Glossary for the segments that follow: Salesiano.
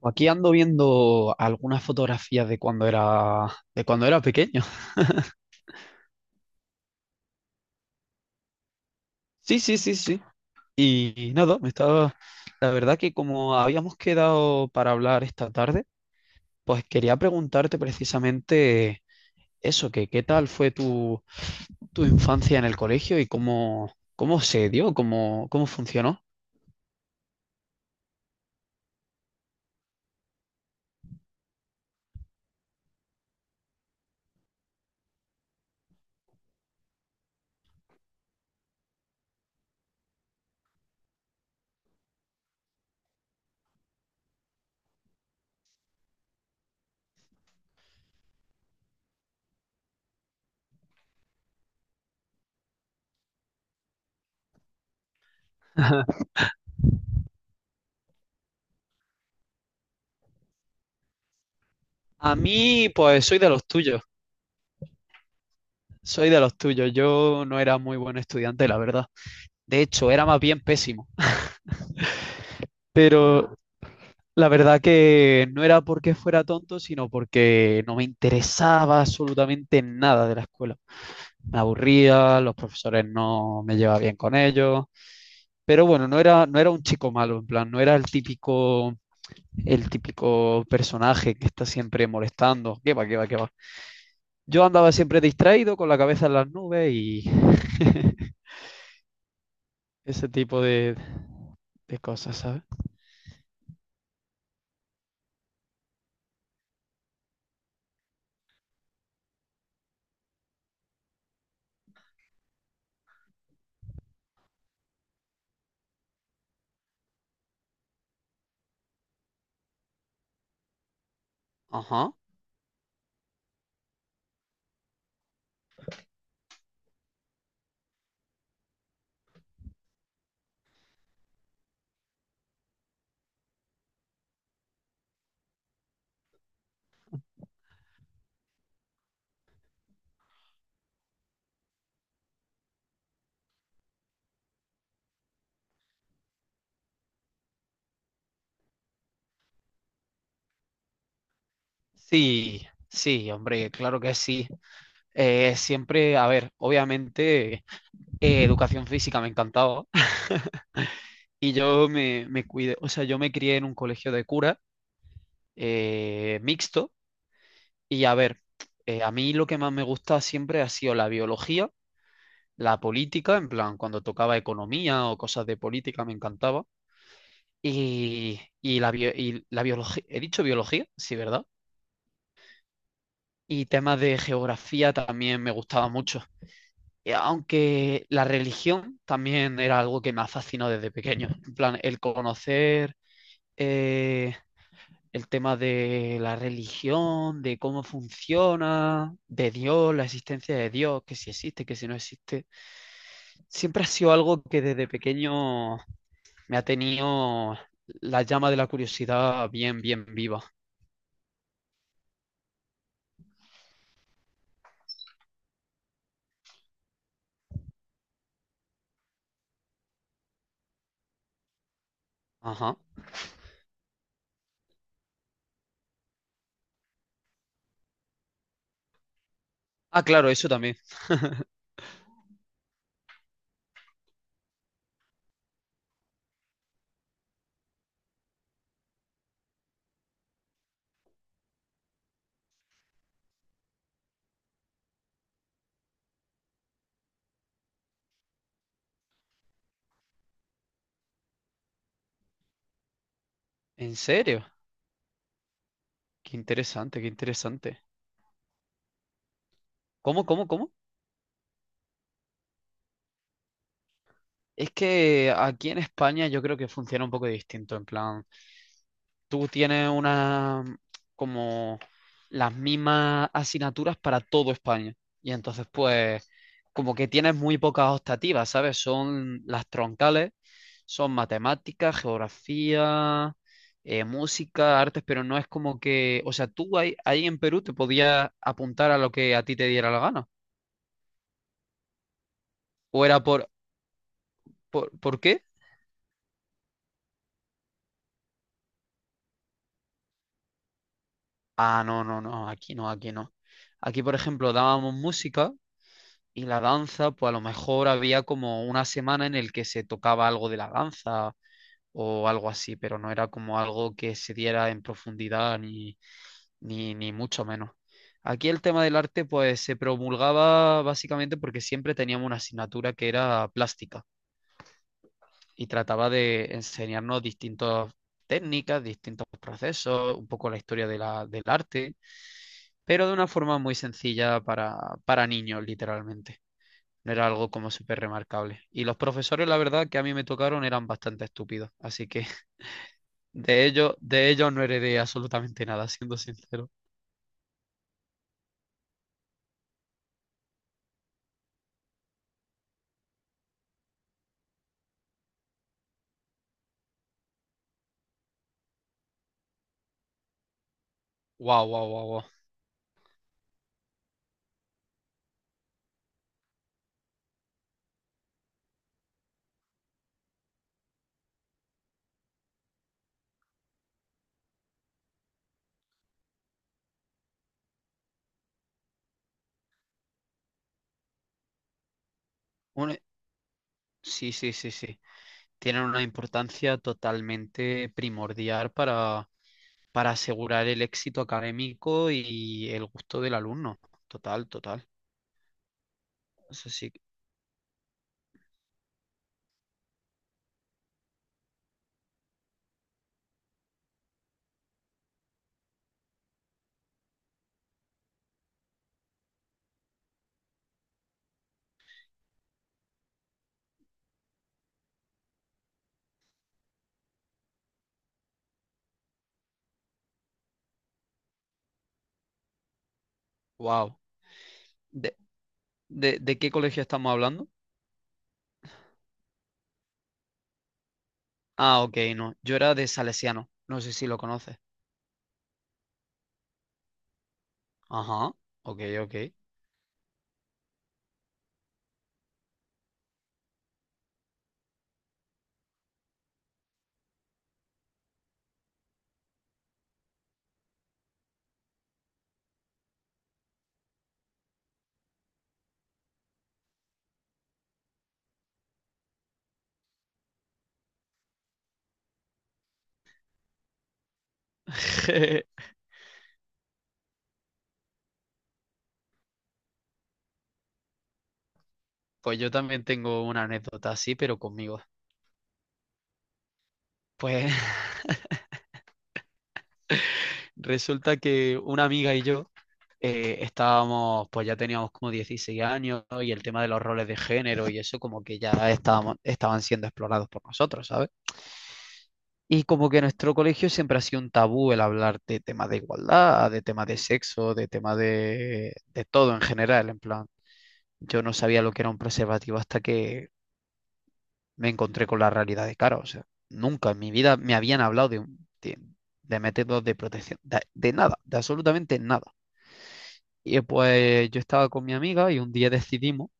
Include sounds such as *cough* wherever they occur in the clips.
Pues aquí ando viendo algunas fotografías de cuando era pequeño. *laughs* Sí, sí, sí, sí. Y nada, me estaba. La verdad que como habíamos quedado para hablar esta tarde, pues quería preguntarte precisamente eso, que qué tal fue tu, tu infancia en el colegio y cómo, cómo se dio, cómo, cómo funcionó. *laughs* A mí, pues soy de los tuyos, Yo no era muy buen estudiante, la verdad. De hecho, era más bien pésimo. Pero la verdad que no era porque fuera tonto, sino porque no me interesaba absolutamente nada de la escuela. Me aburría, los profesores no me llevaba bien con ellos, pero bueno, no era un chico malo, en plan, no era el típico personaje que está siempre molestando. ¿Qué va, qué va, qué va? Yo andaba siempre distraído, con la cabeza en las nubes y *laughs* ese tipo de cosas, ¿sabes? Ajá. Sí, sí, hombre, claro que sí. Siempre, a ver, obviamente educación física me encantaba. *laughs* Y yo me cuidé, o sea, yo me crié en un colegio de cura, mixto. Y a ver, a mí lo que más me gusta siempre ha sido la biología, la política, en plan, cuando tocaba economía o cosas de política me encantaba. Y, y la, y la biología, he dicho biología, sí, ¿verdad? Y temas de geografía también me gustaba mucho. Y aunque la religión también era algo que me ha fascinado desde pequeño. En plan, el conocer eh, el tema de la religión, de cómo funciona, de Dios, la existencia de Dios, que si existe, que si no existe, siempre ha sido algo que desde pequeño me ha tenido la llama de la curiosidad bien, bien viva. Ajá. Ah, claro, eso también. ¿En serio? Qué interesante, qué interesante. ¿Cómo, cómo, cómo? Es que aquí en España yo creo que funciona un poco distinto, en plan, tú tienes una como las mismas asignaturas para todo España y entonces pues como que tienes muy pocas optativas, ¿sabes? Son las troncales, son matemáticas, geografía, música, artes, pero no es como que, o sea, tú ahí, ahí en Perú te podías apuntar a lo que a ti te diera la gana. ¿O era por qué? Ah, no, no, no, aquí no, aquí no. Aquí, por ejemplo, dábamos música y la danza, pues a lo mejor había como una semana en el que se tocaba algo de la danza o algo así, pero no era como algo que se diera en profundidad ni, ni, ni mucho menos. Aquí el tema del arte, pues se promulgaba básicamente porque siempre teníamos una asignatura que era plástica y trataba de enseñarnos distintas técnicas, distintos procesos, un poco la historia de del arte, pero de una forma muy sencilla para niños, literalmente. No era algo como súper remarcable. Y los profesores, la verdad, que a mí me tocaron eran bastante estúpidos, así que *laughs* de ellos no heredé absolutamente nada, siendo sincero. Wow, wow, wow, wow. Sí, sí, sí, sí. Tienen una importancia totalmente primordial para asegurar el éxito académico y el gusto del alumno. Total, total. Eso sí. Wow. ¿De, de qué colegio estamos hablando? Ah, ok, no. Yo era de Salesiano. No sé si lo conoces. Ajá. Ok, ok. *laughs* Pues yo también tengo una anécdota así, pero conmigo. Pues *laughs* resulta que una amiga y yo. Estábamos, pues ya teníamos como 16 años, ¿no? Y el tema de los roles de género y eso como que ya estaban siendo explorados por nosotros, ¿sabes? Y como que en nuestro colegio siempre ha sido un tabú el hablar de temas de igualdad, de temas de sexo, de de todo en general, en plan, yo no sabía lo que era un preservativo hasta que me encontré con la realidad de cara, o sea, nunca en mi vida me habían hablado de métodos de protección, de nada, de absolutamente nada. Y pues yo estaba con mi amiga y un día decidimos,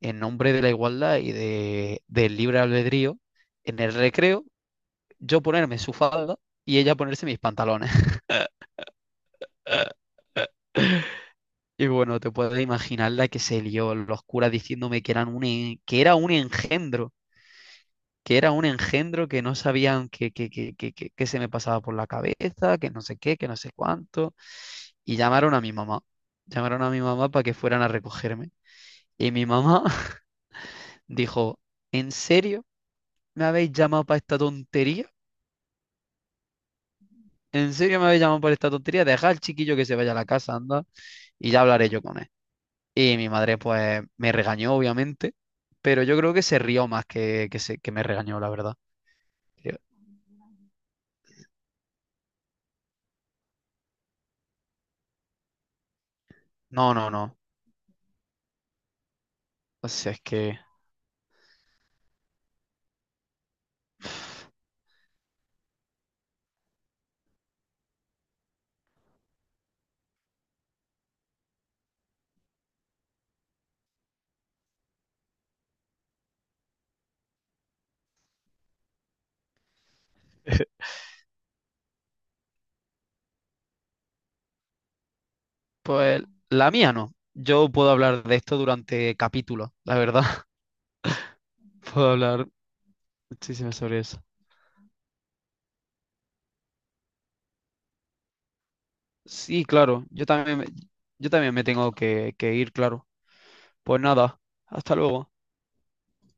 en nombre de la igualdad y de, del libre albedrío, en el recreo, yo ponerme su falda y ella ponerse mis pantalones. *laughs* Y bueno, te puedes imaginar la que se lió, los curas diciéndome que, que era un engendro, que era un engendro, que no sabían que se me pasaba por la cabeza, que no sé qué, que no sé cuánto. Y llamaron a mi mamá, llamaron a mi mamá para que fueran a recogerme. Y mi mamá *laughs* dijo, ¿en serio me habéis llamado para esta tontería? ¿En serio me habéis llamado por esta tontería? Deja al chiquillo que se vaya a la casa, anda, y ya hablaré yo con él. Y mi madre, pues, me regañó, obviamente, pero yo creo que se rió más que me regañó, la verdad. Yo, no, no, no. O sea, es que, *laughs* pues, la mía no. Yo puedo hablar de esto durante capítulos, la verdad. *laughs* Puedo hablar muchísimo sobre eso. Sí, claro, yo también, yo también me tengo que ir, claro. Pues nada, hasta luego.